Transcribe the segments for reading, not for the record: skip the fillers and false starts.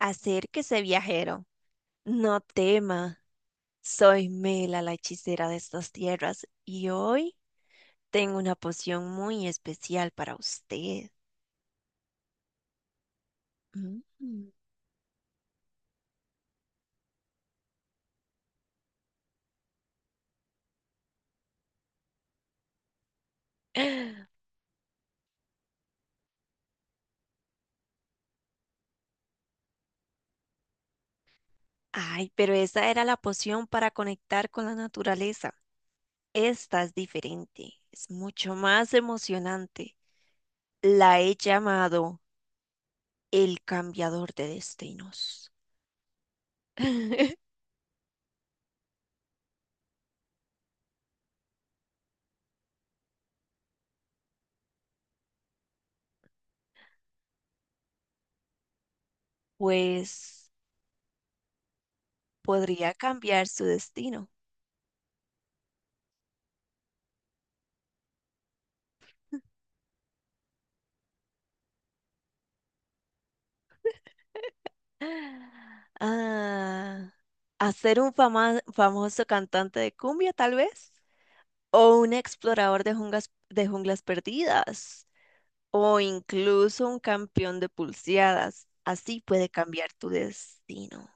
Acérquese, viajero, no tema. Soy Mela, la hechicera de estas tierras, y hoy tengo una poción muy especial para usted. Mm. Ay, pero esa era la poción para conectar con la naturaleza. Esta es diferente, es mucho más emocionante. La he llamado el cambiador de destinos. Pues podría cambiar su destino. Ah, ¿hacer un famoso cantante de cumbia, tal vez? ¿O un explorador de junglas perdidas? ¿O incluso un campeón de pulseadas? Así puede cambiar tu destino.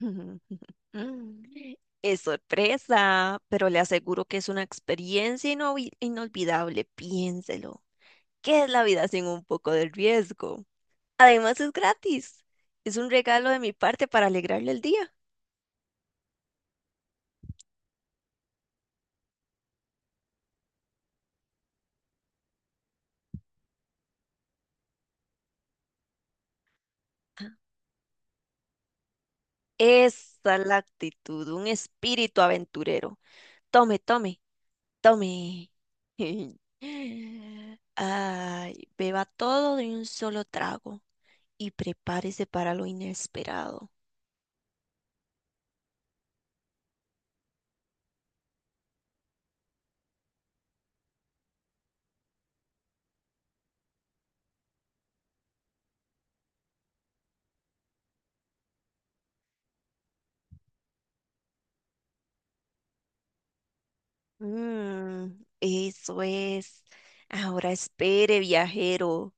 Es sorpresa, pero le aseguro que es una experiencia inolvidable. Piénselo. ¿Qué es la vida sin un poco de riesgo? Además, es gratis. Es un regalo de mi parte para alegrarle el día. Esa es la actitud, un espíritu aventurero. Tome, tome, tome. Ay, beba todo de un solo trago y prepárese para lo inesperado. Mm, eso es. Ahora espere, viajero.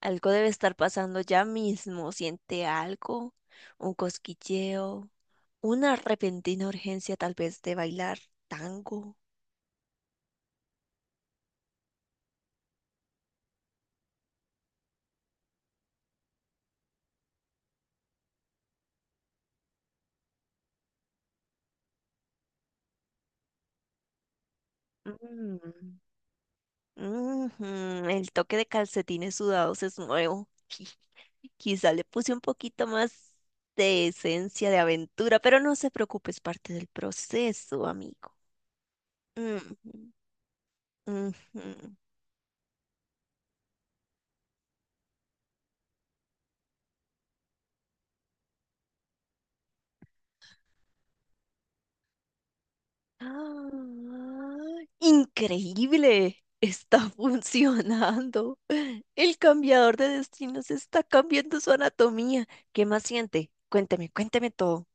Algo debe estar pasando ya mismo. ¿Siente algo? Un cosquilleo, una repentina urgencia tal vez de bailar tango. Mm. Ujú. El toque de calcetines sudados es nuevo. Quizá le puse un poquito más de esencia de aventura, pero no se preocupe, es parte del proceso, amigo. Ujú, ujú. ¡Ah! Increíble, está funcionando. El cambiador de destinos está cambiando su anatomía. ¿Qué más siente? Cuénteme, cuénteme todo.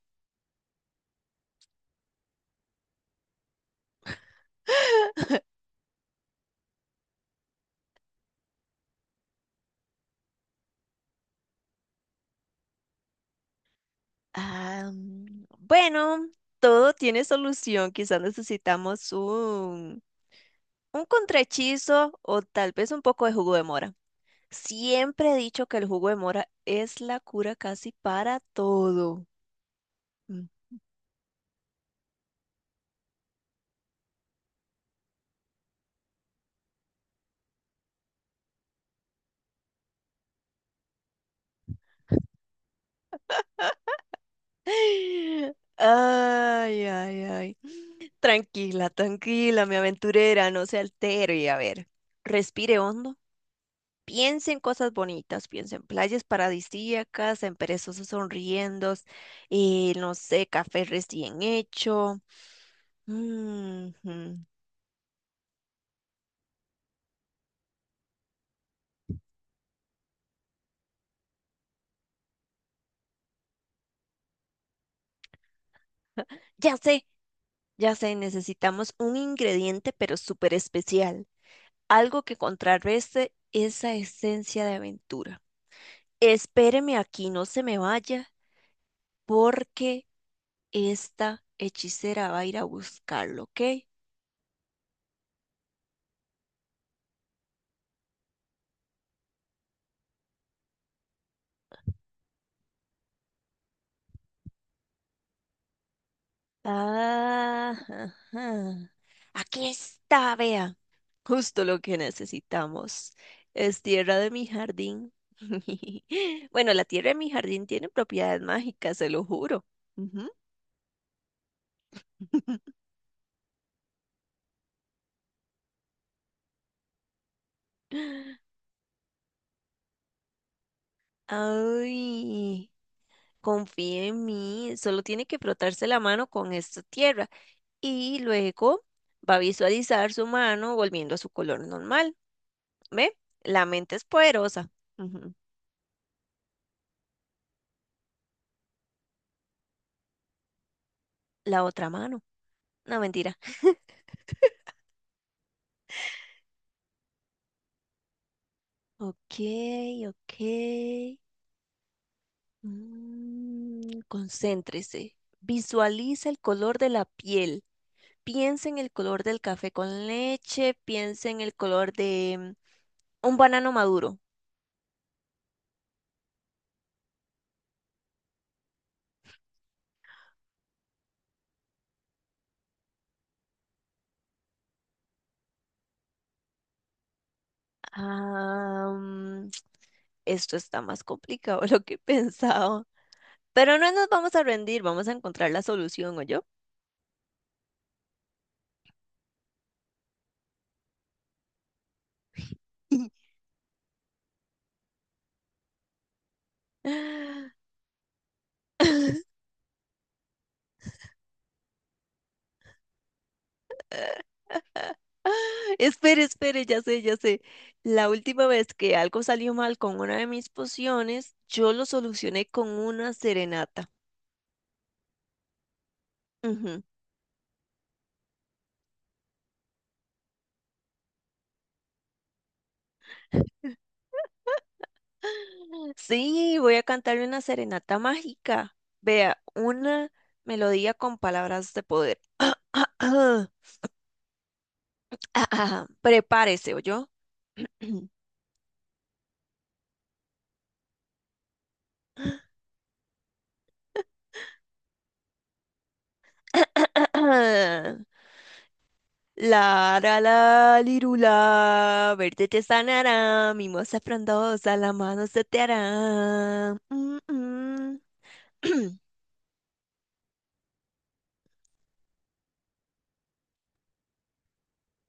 Ah, bueno, todo tiene solución. Quizás necesitamos un contrahechizo o tal vez un poco de jugo de mora. Siempre he dicho que el jugo de mora es la cura casi para todo. Mm. Ay, ay, ay. Tranquila, tranquila, mi aventurera, no se altere. A ver, respire hondo. Piensa en cosas bonitas, piensa en playas paradisíacas, en perezosos sonriendo, no sé, café recién hecho. Ujú. Ya sé, ya sé, necesitamos un ingrediente pero súper especial, algo que contrarreste esa esencia de aventura. Espéreme aquí, no se me vaya, porque esta hechicera va a ir a buscarlo, ¿ok? Ah, ajá. Aquí está, vea. Justo lo que necesitamos. Es tierra de mi jardín. Bueno, la tierra de mi jardín tiene propiedades mágicas, se lo juro. Ujú. Ay, confía en mí. Solo tiene que frotarse la mano con esta tierra y luego va a visualizar su mano volviendo a su color normal. ¿Ve? La mente es poderosa. Ujú. La otra mano. No, mentira. Ok, ok. Mm, concéntrese. Visualiza el color de la piel. Piensa en el color del café con leche. Piensa en el color de un banano maduro. Ah, esto está más complicado de lo que pensaba. Pero no nos vamos a rendir, vamos a encontrar la solución, ¿o yo? Espere, espere, ya sé, ya sé. La última vez que algo salió mal con una de mis pociones, yo lo solucioné con una serenata. Ujú. Sí, voy a cantarle una serenata mágica. Vea, una melodía con palabras de poder. Prepárese, ¿oyó? La ra la lirula, verde te sanará, mimosa frondosa, la mano se te hará. Mm, mm.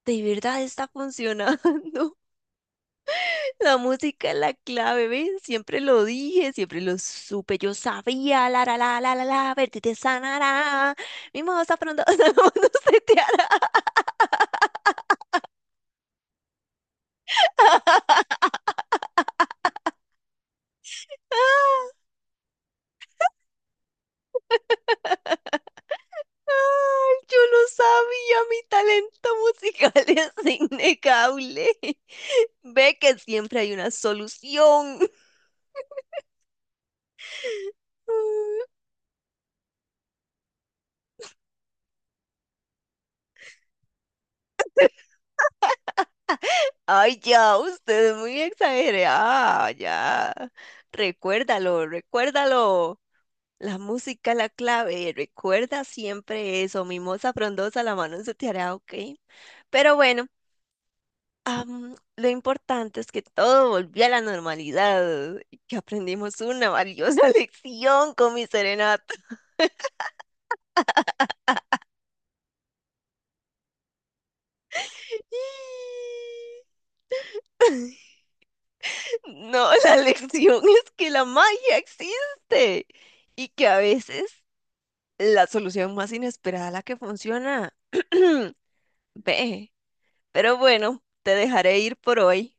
De verdad está funcionando. La música es la clave, ¿ves? Siempre lo dije, siempre lo supe, yo sabía, la la la la la la, verte te sanará, mi moza pronto no se te hará. Ay, yo lo sabía, mi talento musical es innegable. Ve que siempre hay una solución. Ay, ya, usted es muy exagerada, ya. Recuérdalo, recuérdalo. La música es la clave, recuerda siempre eso, mimosa frondosa, la mano en su tiara ok. Pero bueno, lo importante es que todo volvió a la normalidad y que aprendimos una valiosa lección con mi serenata. No, la lección es que la magia existe y que a veces la solución más inesperada es la que funciona. Ve, pero bueno, te dejaré ir por hoy.